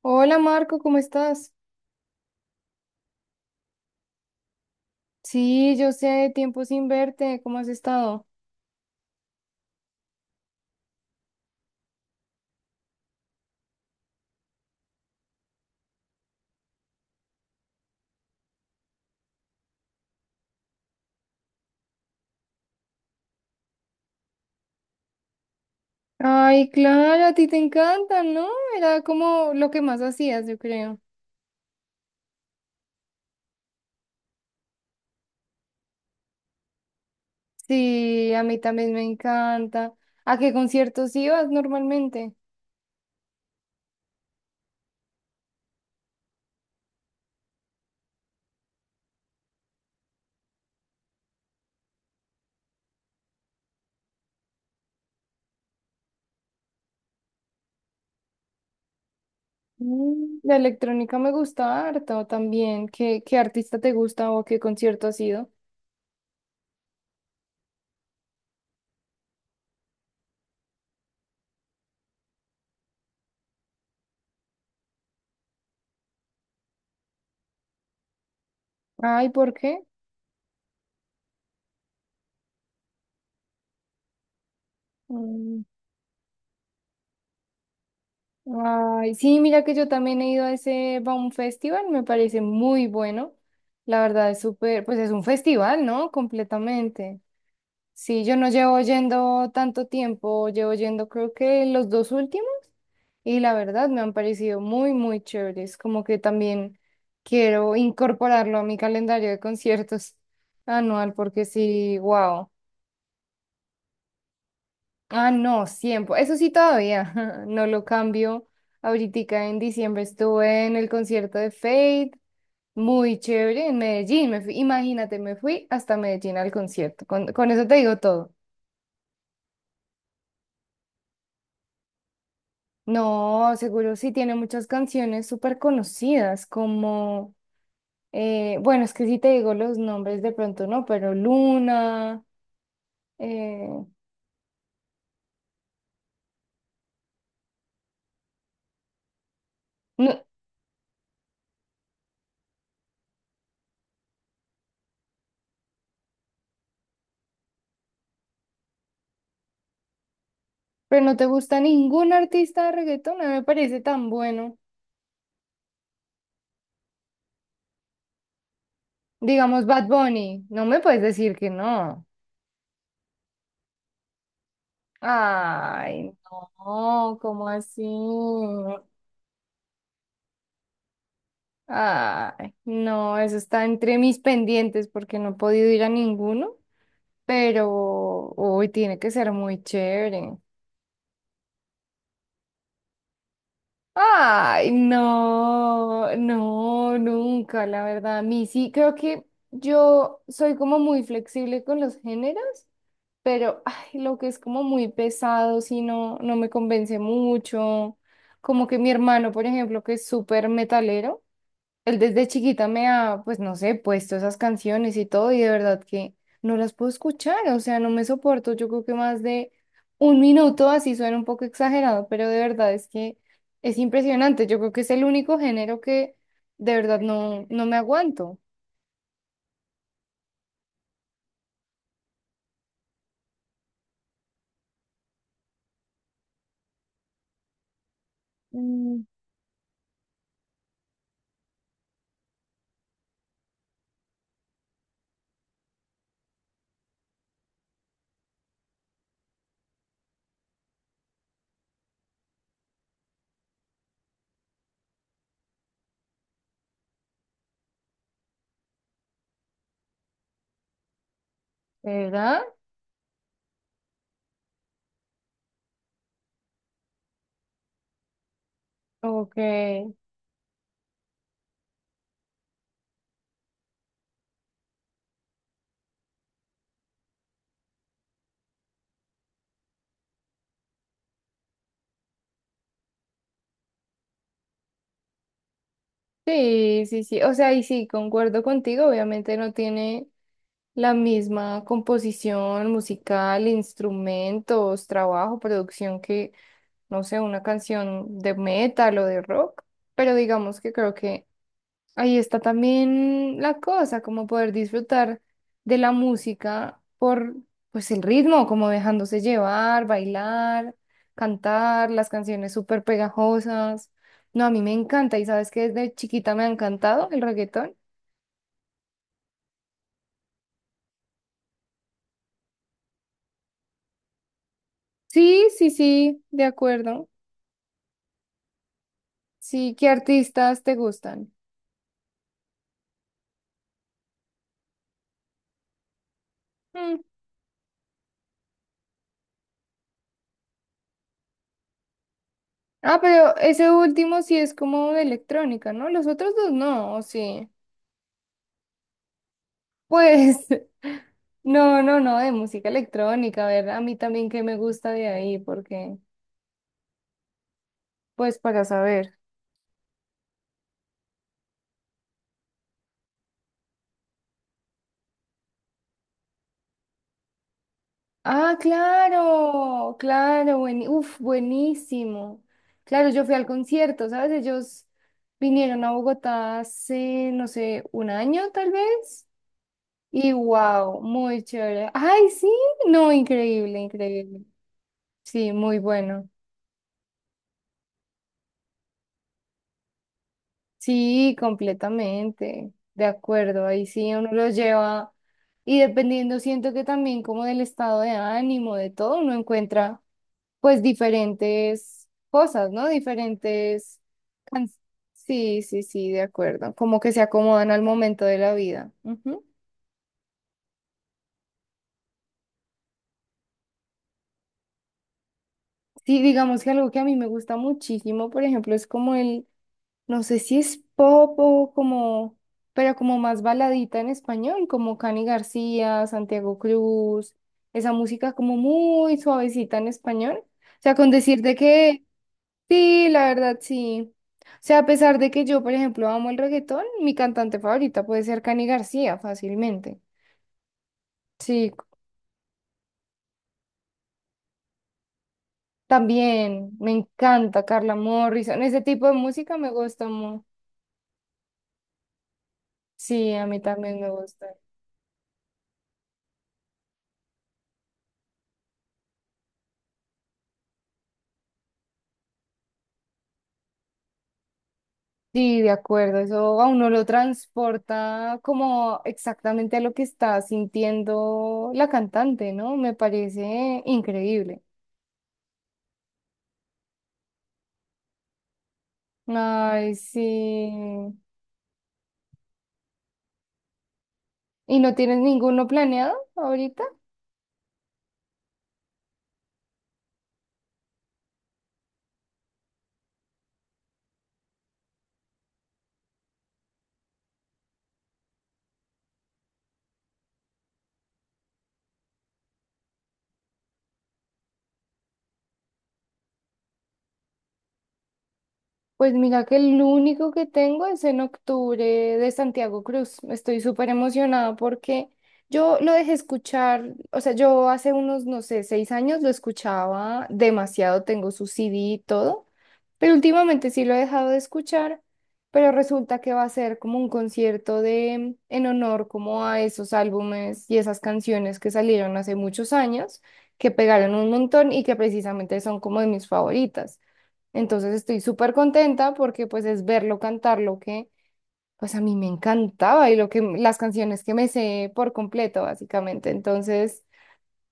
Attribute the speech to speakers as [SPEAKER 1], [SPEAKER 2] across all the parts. [SPEAKER 1] Hola Marco, ¿cómo estás? Sí, yo sé, tiempo sin verte, ¿cómo has estado? Ay, claro, a ti te encanta, ¿no? Era como lo que más hacías, yo creo. Sí, a mí también me encanta. ¿A qué conciertos ibas normalmente? Mm, la electrónica me gusta harto también. ¿¿Qué artista te gusta o a qué concierto has ido? Ay, ¿por qué? Mm. Ay, sí, mira que yo también he ido a ese Baum Festival, me parece muy bueno. La verdad es súper, pues es un festival, ¿no? Completamente. Sí, yo no llevo yendo tanto tiempo, llevo yendo creo que los dos últimos, y la verdad me han parecido muy, muy chéveres, como que también quiero incorporarlo a mi calendario de conciertos anual porque sí, wow. Ah, no, siempre. Eso sí todavía, no lo cambio. Ahorita en diciembre estuve en el concierto de Fate, muy chévere, en Medellín. Me fui, imagínate, me fui hasta Medellín al concierto. Con eso te digo todo. No, seguro sí tiene muchas canciones súper conocidas, como, bueno, es que si te digo los nombres de pronto no, pero Luna, eh, no, pero no te gusta ningún artista de reggaetón, no me parece tan bueno. Digamos Bad Bunny, no me puedes decir que no. Ay, no, ¿cómo así? Ay, no, eso está entre mis pendientes porque no he podido ir a ninguno, pero hoy tiene que ser muy chévere. Ay, no, no, nunca, la verdad. A mí sí, creo que yo soy como muy flexible con los géneros. Pero ay, lo que es como muy pesado, si no, no me convence mucho. Como que mi hermano, por ejemplo, que es súper metalero, él desde chiquita me ha, pues no sé, puesto esas canciones y todo, y de verdad que no las puedo escuchar, o sea, no me soporto. Yo creo que más de un minuto, así suena un poco exagerado, pero de verdad es que es impresionante. Yo creo que es el único género que de verdad no, no me aguanto. Mm. ¿Verdad? Ok. Sí, sí, sí. O sea, y sí, concuerdo contigo. Obviamente no tiene la misma composición musical, instrumentos, trabajo, producción que, no sé, una canción de metal o de rock. Pero digamos que creo que ahí está también la cosa, como poder disfrutar de la música por pues el ritmo, como dejándose llevar, bailar, cantar, las canciones súper pegajosas. No, a mí me encanta y sabes que desde chiquita me ha encantado el reggaetón. Sí, sí, sí, de acuerdo. Sí, ¿qué artistas te gustan? Mm. Ah, pero ese último sí es como de electrónica, ¿no? Los otros dos no, ¿o sí? Pues no, no, no, de música electrónica, a ver, a mí también que me gusta de ahí, porque, pues para saber. Ah, claro, claro, buen, uf, buenísimo. Claro, yo fui al concierto, ¿sabes? Ellos vinieron a Bogotá hace, no sé, un año tal vez. Y wow, muy chévere. Ay, sí, no, increíble, increíble. Sí, muy bueno. Sí, completamente, de acuerdo, ahí sí uno los lleva y dependiendo siento que también como del estado de ánimo, de todo, uno encuentra pues diferentes cosas, ¿no? Diferentes... can- Sí, sí, sí, de acuerdo, como que se acomodan al momento de la vida. Ujú. Sí, digamos que algo que a mí me gusta muchísimo, por ejemplo, es como el... No sé si es pop o como, pero como más baladita en español, como Cani García, Santiago Cruz, esa música como muy suavecita en español. O sea, con decirte que sí, la verdad sí. O sea, a pesar de que yo, por ejemplo, amo el reggaetón, mi cantante favorita puede ser Cani García fácilmente. Sí, también me encanta Carla Morrison, ese tipo de música me gusta mucho. Sí, a mí también me gusta. Sí, de acuerdo, eso a uno lo transporta como exactamente a lo que está sintiendo la cantante, ¿no? Me parece increíble. Ay, sí. ¿Y no tienes ninguno planeado ahorita? Pues mira que el único que tengo es en octubre de Santiago Cruz. Estoy súper emocionada porque yo lo dejé escuchar, o sea, yo hace unos, no sé, 6 años lo escuchaba demasiado, tengo su CD y todo, pero últimamente sí lo he dejado de escuchar, pero resulta que va a ser como un concierto de, en honor como a esos álbumes y esas canciones que salieron hace muchos años, que pegaron un montón y que precisamente son como de mis favoritas. Entonces estoy súper contenta porque pues es verlo cantar lo que pues a mí me encantaba y lo que las canciones que me sé por completo básicamente. Entonces,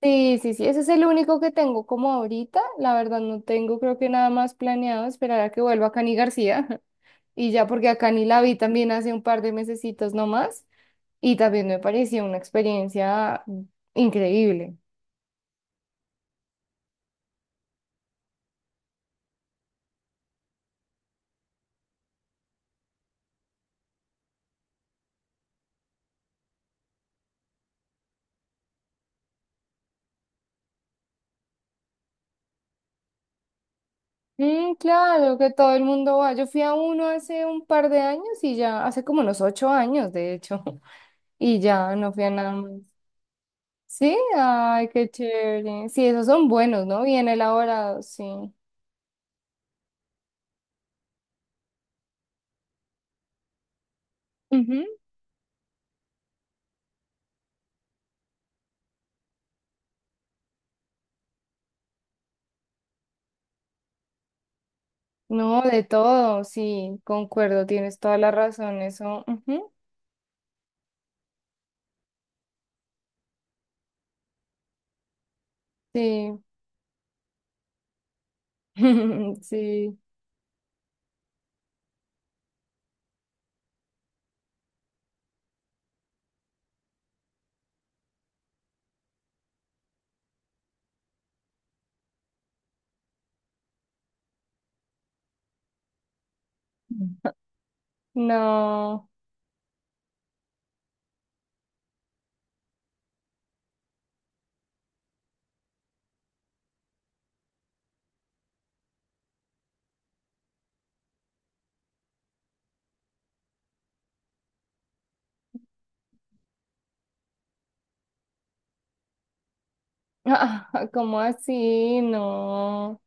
[SPEAKER 1] sí, sí, sí, ese es el único que tengo como ahorita. La verdad no tengo creo que nada más planeado, esperar a que vuelva Cani García. Y ya porque a Cani la vi también hace un par de mesecitos nomás y también me pareció una experiencia increíble. Mm, claro, que todo el mundo va. Yo fui a uno hace un par de años y ya, hace como unos 8 años, de hecho, y ya no fui a nada más. Sí, ay, qué chévere. Sí, esos son buenos, ¿no? Bien elaborados, sí. Ujú. No, de todo, sí, concuerdo, tienes toda la razón, eso. Ujú. Sí, sí. No, ¿cómo así? No,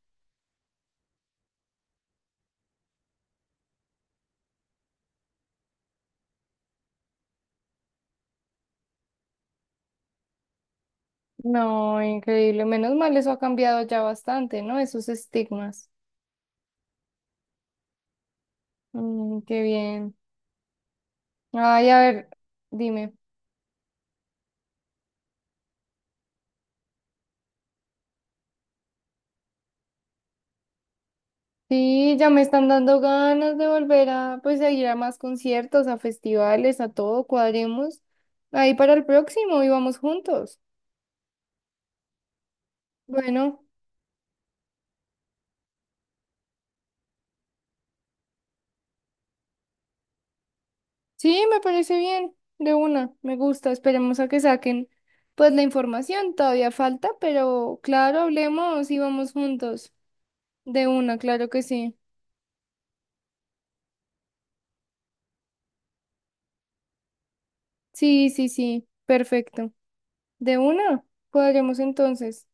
[SPEAKER 1] no, increíble. Menos mal eso ha cambiado ya bastante, ¿no? Esos estigmas. Mm, qué bien. Ay, a ver, dime. Sí, ya me están dando ganas de volver a, pues, a ir a más conciertos, a festivales, a todo, cuadremos. Ahí para el próximo y vamos juntos. Bueno, sí, me parece bien. De una, me gusta. Esperemos a que saquen, pues, la información. Todavía falta, pero claro, hablemos y vamos juntos. De una, claro que sí. Sí, sí, sí. Perfecto. De una, cuadremos entonces.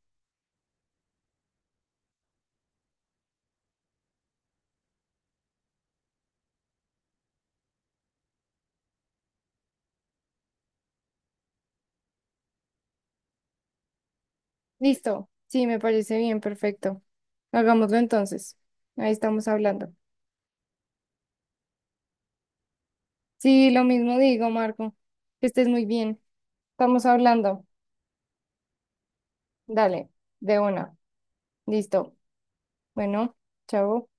[SPEAKER 1] Listo. Sí, me parece bien, perfecto. Hagámoslo entonces. Ahí estamos hablando. Sí, lo mismo digo, Marco. Que estés muy bien. Estamos hablando. Dale, de una. Listo. Bueno, chao.